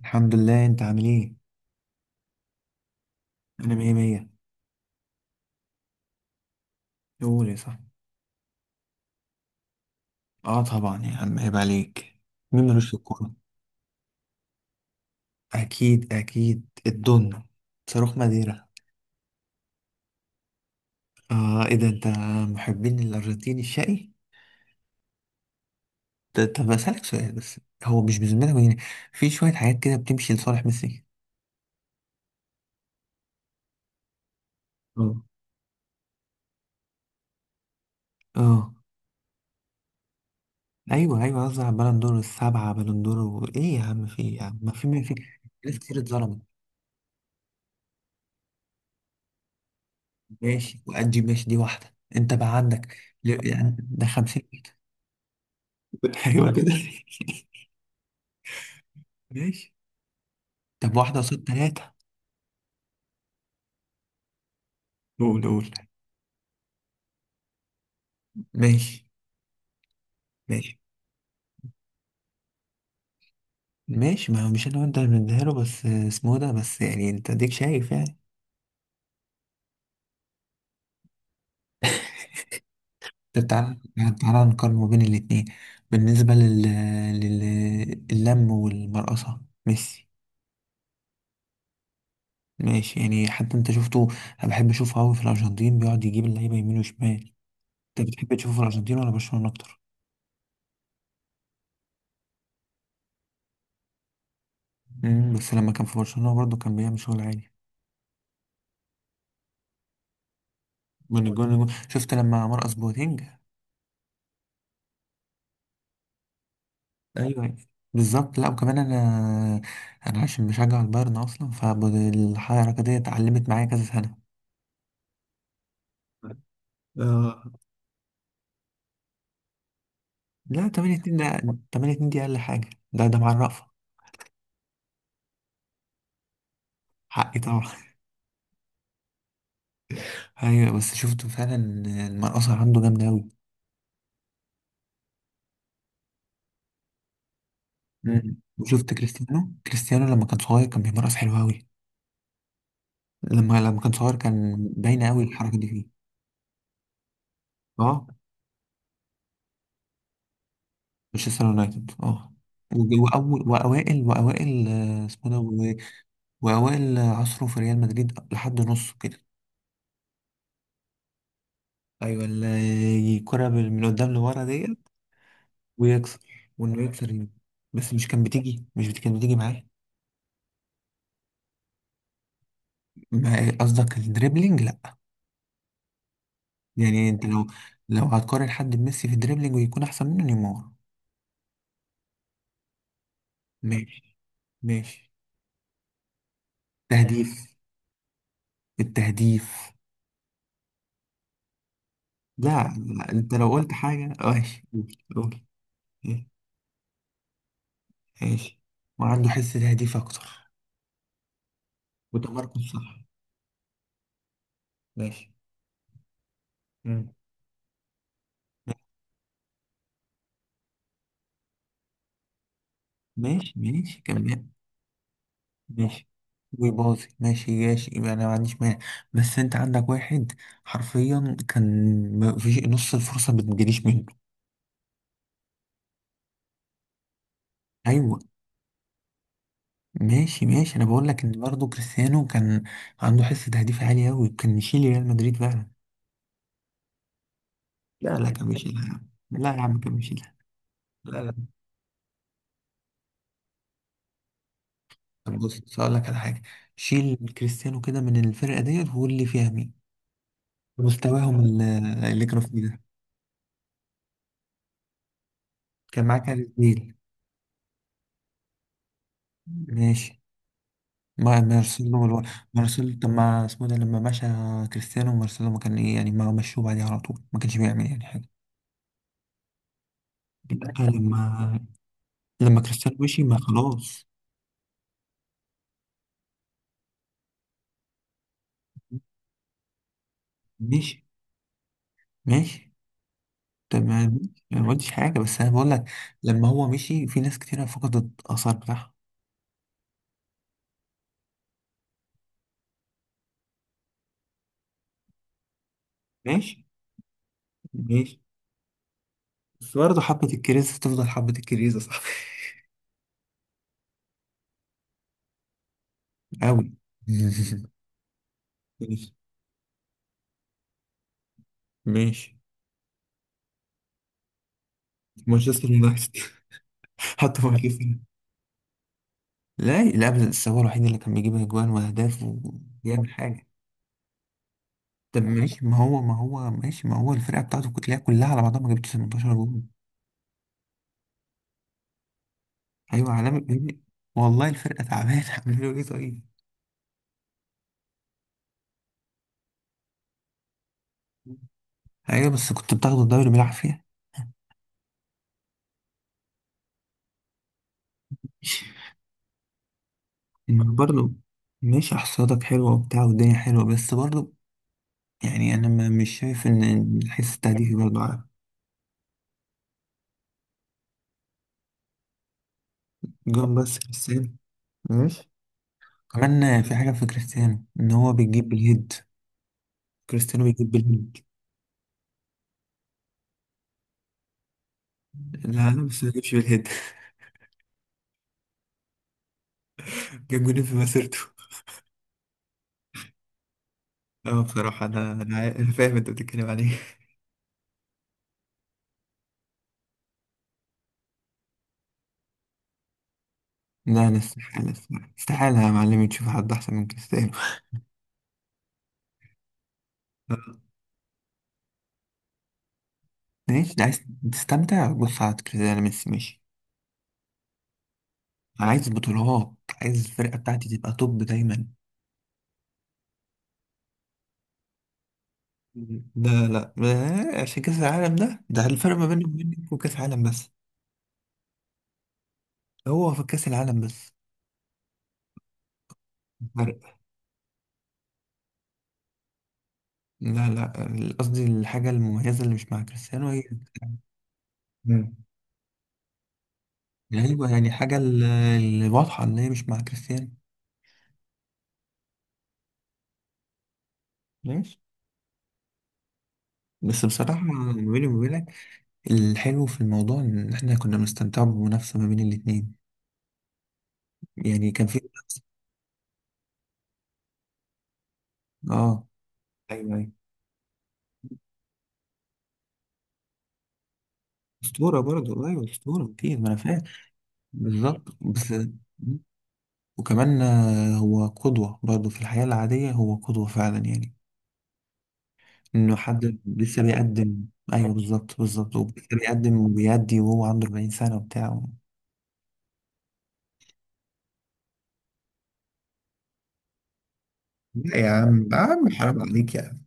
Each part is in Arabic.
الحمد لله، انت عامل ايه؟ انا مية مية. قول يا صاحبي. اه طبعا يا عم، عيب عليك. مين ملوش في الكورة؟ اكيد اكيد. الدنيا صاروخ ماديرا. اه ايه ده انت؟ محبين الارجنتين الشقي. طب اسالك سؤال بس، هو مش بذمتك يعني في شوية حاجات كده بتمشي لصالح ميسي؟ اه. اه. ايوه قصدي على البالون دور السبعة، بالون دور ايه يا عم؟ في إيه يا عم؟ ما في. ناس كتير اتظلمت. ماشي، وادي ماشي، دي واحدة انت بقى عندك. يعني ده 50. ايوه كده. ماشي. طب واحدة قصاد تلاتة. قول قول. ماشي ماشي. ماشي، ما هو مش انا وانت اللي بنديها له، بس اسمه ده، بس يعني انت ديك شايف يعني. طب تعالى، تعالى نقارن ما بين الاتنين. بالنسبة لل... لل... اللم والمرقصة ميسي. ماشي يعني، حتى انت شفته. انا بحب اشوفه قوي في الارجنتين، بيقعد يجيب اللعيبة يمين وشمال. انت بتحب تشوفه في الارجنتين ولا برشلونة اكتر؟ امم، بس لما كان في برشلونة برضه كان بيعمل شغل عالي. من الجون للجون. شفت لما مرقص بوتينج؟ ايوه، بالظبط. لا وكمان انا، انا عشان بشجع البايرن اصلا، فالحركه دي اتعلمت معايا كذا سنه. اه. لا 8 2 ده، 8 2 دي اقل حاجه، ده ده مع الرأفه. حقي طبعا. ايوه، بس شفت فعلا المرقصه عنده جامده قوي. وشفت كريستيانو، كريستيانو لما كان صغير كان بيمرقص حلو قوي. لما كان صغير كان باينه قوي الحركه دي فيه. اه مانشستر يونايتد اه. واول، واوائل اسمه ده، وأوائل عصره في ريال مدريد لحد نصه كده. أيوة، اللي الكرة من قدام لورا ديت، ويكسر، وإنه يكسر يمين. بس مش كان بتيجي، مش بت- كانت بتيجي معاه. قصدك الدريبلينج؟ لأ يعني، أنت لو، لو هتقارن حد بميسي في الدريبلينج ويكون أحسن منه، نيمار. ماشي ماشي. تهديف. التهديف. لا لا، أنت لو قلت حاجة ماشي، قول قول. ماشي. وعنده حس تهديف أكتر وتمركز صح. ماشي. مم. ماشي ماشي كمان. ماشي، ويباظي. ماشي ماشي، يبقى انا ما عنديش مانع. بس انت عندك واحد حرفيا، كان ما فيش نص الفرصه ما بتجيليش منه. ايوه. ماشي ماشي، انا بقول لك ان برضه كريستيانو كان عنده حس تهديف عالي قوي، كان يشيل ريال مدريد فعلا. لا لا، كان بيشيلها يا عم، لا يا عم كان بيشيلها. لا لا. طب بص هقول لك على حاجه، شيل كريستيانو كده من الفرقه ديت وقول لي فيها مين. مستواهم اللي كانوا فيه ده. كان معاك هاري كين. ماشي، ما مارسيلو مارسيلو. طب ما اسمه ده لما مشى كريستيانو، مارسيلو ما كان ايه يعني، ما مشوه بعديها على طول، ما كانش بيعمل يعني حاجة. لا لما كريستيانو مشي، ما خلاص. ماشي ماشي. طب ما، أنا ما قلتش حاجة، بس أنا بقول لك، لما هو مشي في ناس كتيرة فقدت الآثار بتاعها. ماشي ماشي، بس برضه حبة الكريزة تفضل حبة الكريزة، صح؟ أوي. ماشي ماشي. مانشستر يونايتد. حتى مانشستر. لا لا، بس هو الوحيد اللي كان بيجيب اجوان واهداف وبيعمل حاجه. طب ماشي، ما هو، ما هو ماشي، ما هو الفرقه بتاعته كلها، كلها على بعضها ما جابتش 18 جول. ايوه عالمي. والله الفرقه تعبانه، عملوا له ايه طيب؟ ايوه بس كنت بتاخد الدوري بالعافيه. إنه برضه، ماشي احصادك حلوه وبتاع والدنيا حلوه، بس برضه يعني انا مش شايف ان الحس التهديفي برضه، عارف. جون بس كريستيانو. ماشي. كمان في حاجه في كريستيانو، ان هو بيجيب بالهيد. كريستيانو بيجيب بالهيد. لا لا، بس ما جابش بالهيد. جاب جولين في مسيرته. اه بصراحة، أنا أنا فاهم أنت بتتكلم عليه. لا، أنا استحالة استحالة استحالة يا معلمي تشوف حد أحسن من كريستيانو. ماشي، ده عايز تستمتع، بص على كريستيانو، ميسي ماشي. أنا عايز بطولات، عايز الفرقة بتاعتي تبقى توب دايما. لا لا عشان كأس العالم، ده ده الفرق ما بيني وبينك، وكأس العالم بس. هو في كأس العالم بس؟ فرق. لا لا، قصدي الحاجة المميزة اللي مش مع كريستيانو. هي. ايوه يعني حاجه، اللي واضحه ان هي مش مع كريستيانو. ماشي بس بصراحه، ما بيني وما بينك، الحلو في الموضوع ان احنا كنا بنستمتع بمنافسه ما بين الاتنين. يعني كان في منافسه. اه ايوه ايوه. اسطوره برضه، ايوه اسطوره كتير، ما انا فاهم. بالظبط بس. وكمان آه، هو قدوه برضه في الحياه العاديه، هو قدوه فعلا يعني، انه حد لسه بيقدم. ايوه بالظبط بالظبط، ولسه بيقدم وبيأدي، وهو عنده 40 سنه وبتاع. لا يا عم، يا عم حرام عليك يا.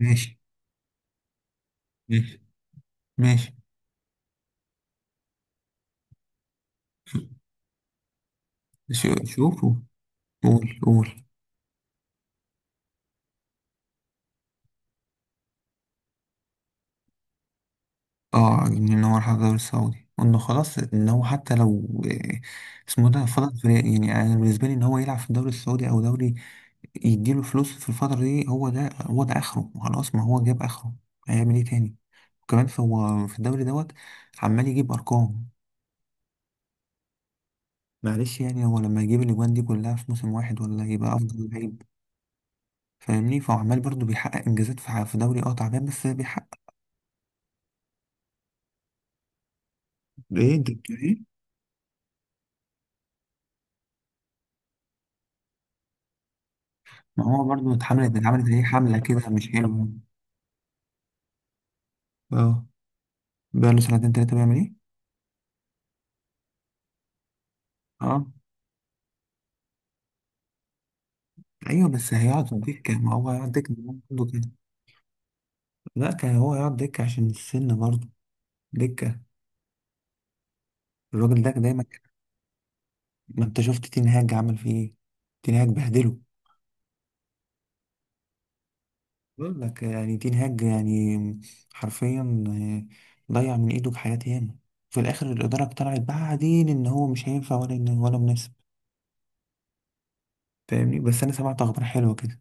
ماشي ماشي ماشي. شوفوا. قول قول. اه ان هو راح الدوري السعودي، وانه خلاص ان هو حتى لو آه، اسمه ده فضل في. يعني انا بالنسبه لي ان هو يلعب في الدوري السعودي او دوري يديله فلوس في الفتره دي، هو ده هو ده اخره خلاص، ما هو جاب اخره، هيعمل ايه تاني؟ وكمان فهو في الدوري دوت عمال يجيب ارقام. معلش يعني، هو لما يجيب الاجوان دي كلها في موسم واحد، ولا يبقى افضل لعيب؟ فاهمني؟ فهو عمال برضه بيحقق انجازات في دوري اه تعبان، بس بيحقق. ايه انت بتقول ايه؟ ما هو برضه اتحملت، اتعملت عليه حملة كده مش حلوة. اه. بقاله سنتين تلاتة بيعمل ايه؟ اه ايوه، بس هيقعد دكة، ما هو هيقعد دكة. برضه كده. لا كان هو هيقعد دكة عشان السن برضه. دكة. الراجل ده دايما. ما انت شفت تين هاج عمل فيه ايه؟ تين هاج بهدله. بقول لك يعني تين هاج يعني، حرفيا، آه، ضيع من ايده حياة ياما، في الاخر الاداره طلعت بعدين ان هو مش هينفع ولا إن، ولا مناسب. فاهمني؟ بس انا سمعت اخبار حلوه كده،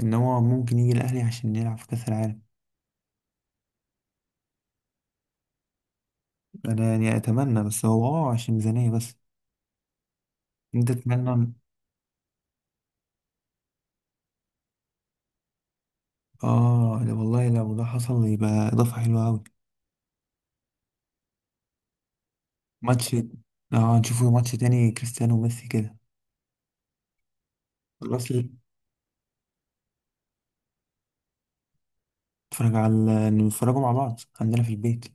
ان هو ممكن يجي الاهلي عشان يلعب في كاس العالم. انا يعني اتمنى، بس هو اه عشان ميزانية بس. انت تتمنى. اه، لا والله لو ده حصل يبقى اضافة حلوة اوي. ماتش. اه نشوفه ماتش تاني كريستيانو وميسي كده. خلاص. نتفرج على، نتفرجوا مع بعض عندنا في البيت.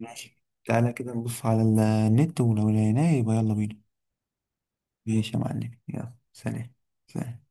ماشي، تعالى كده نبص على النت، ولو لقيناه يبقى يلا بينا. ماشي يا معلم، يلا سلام. سلام.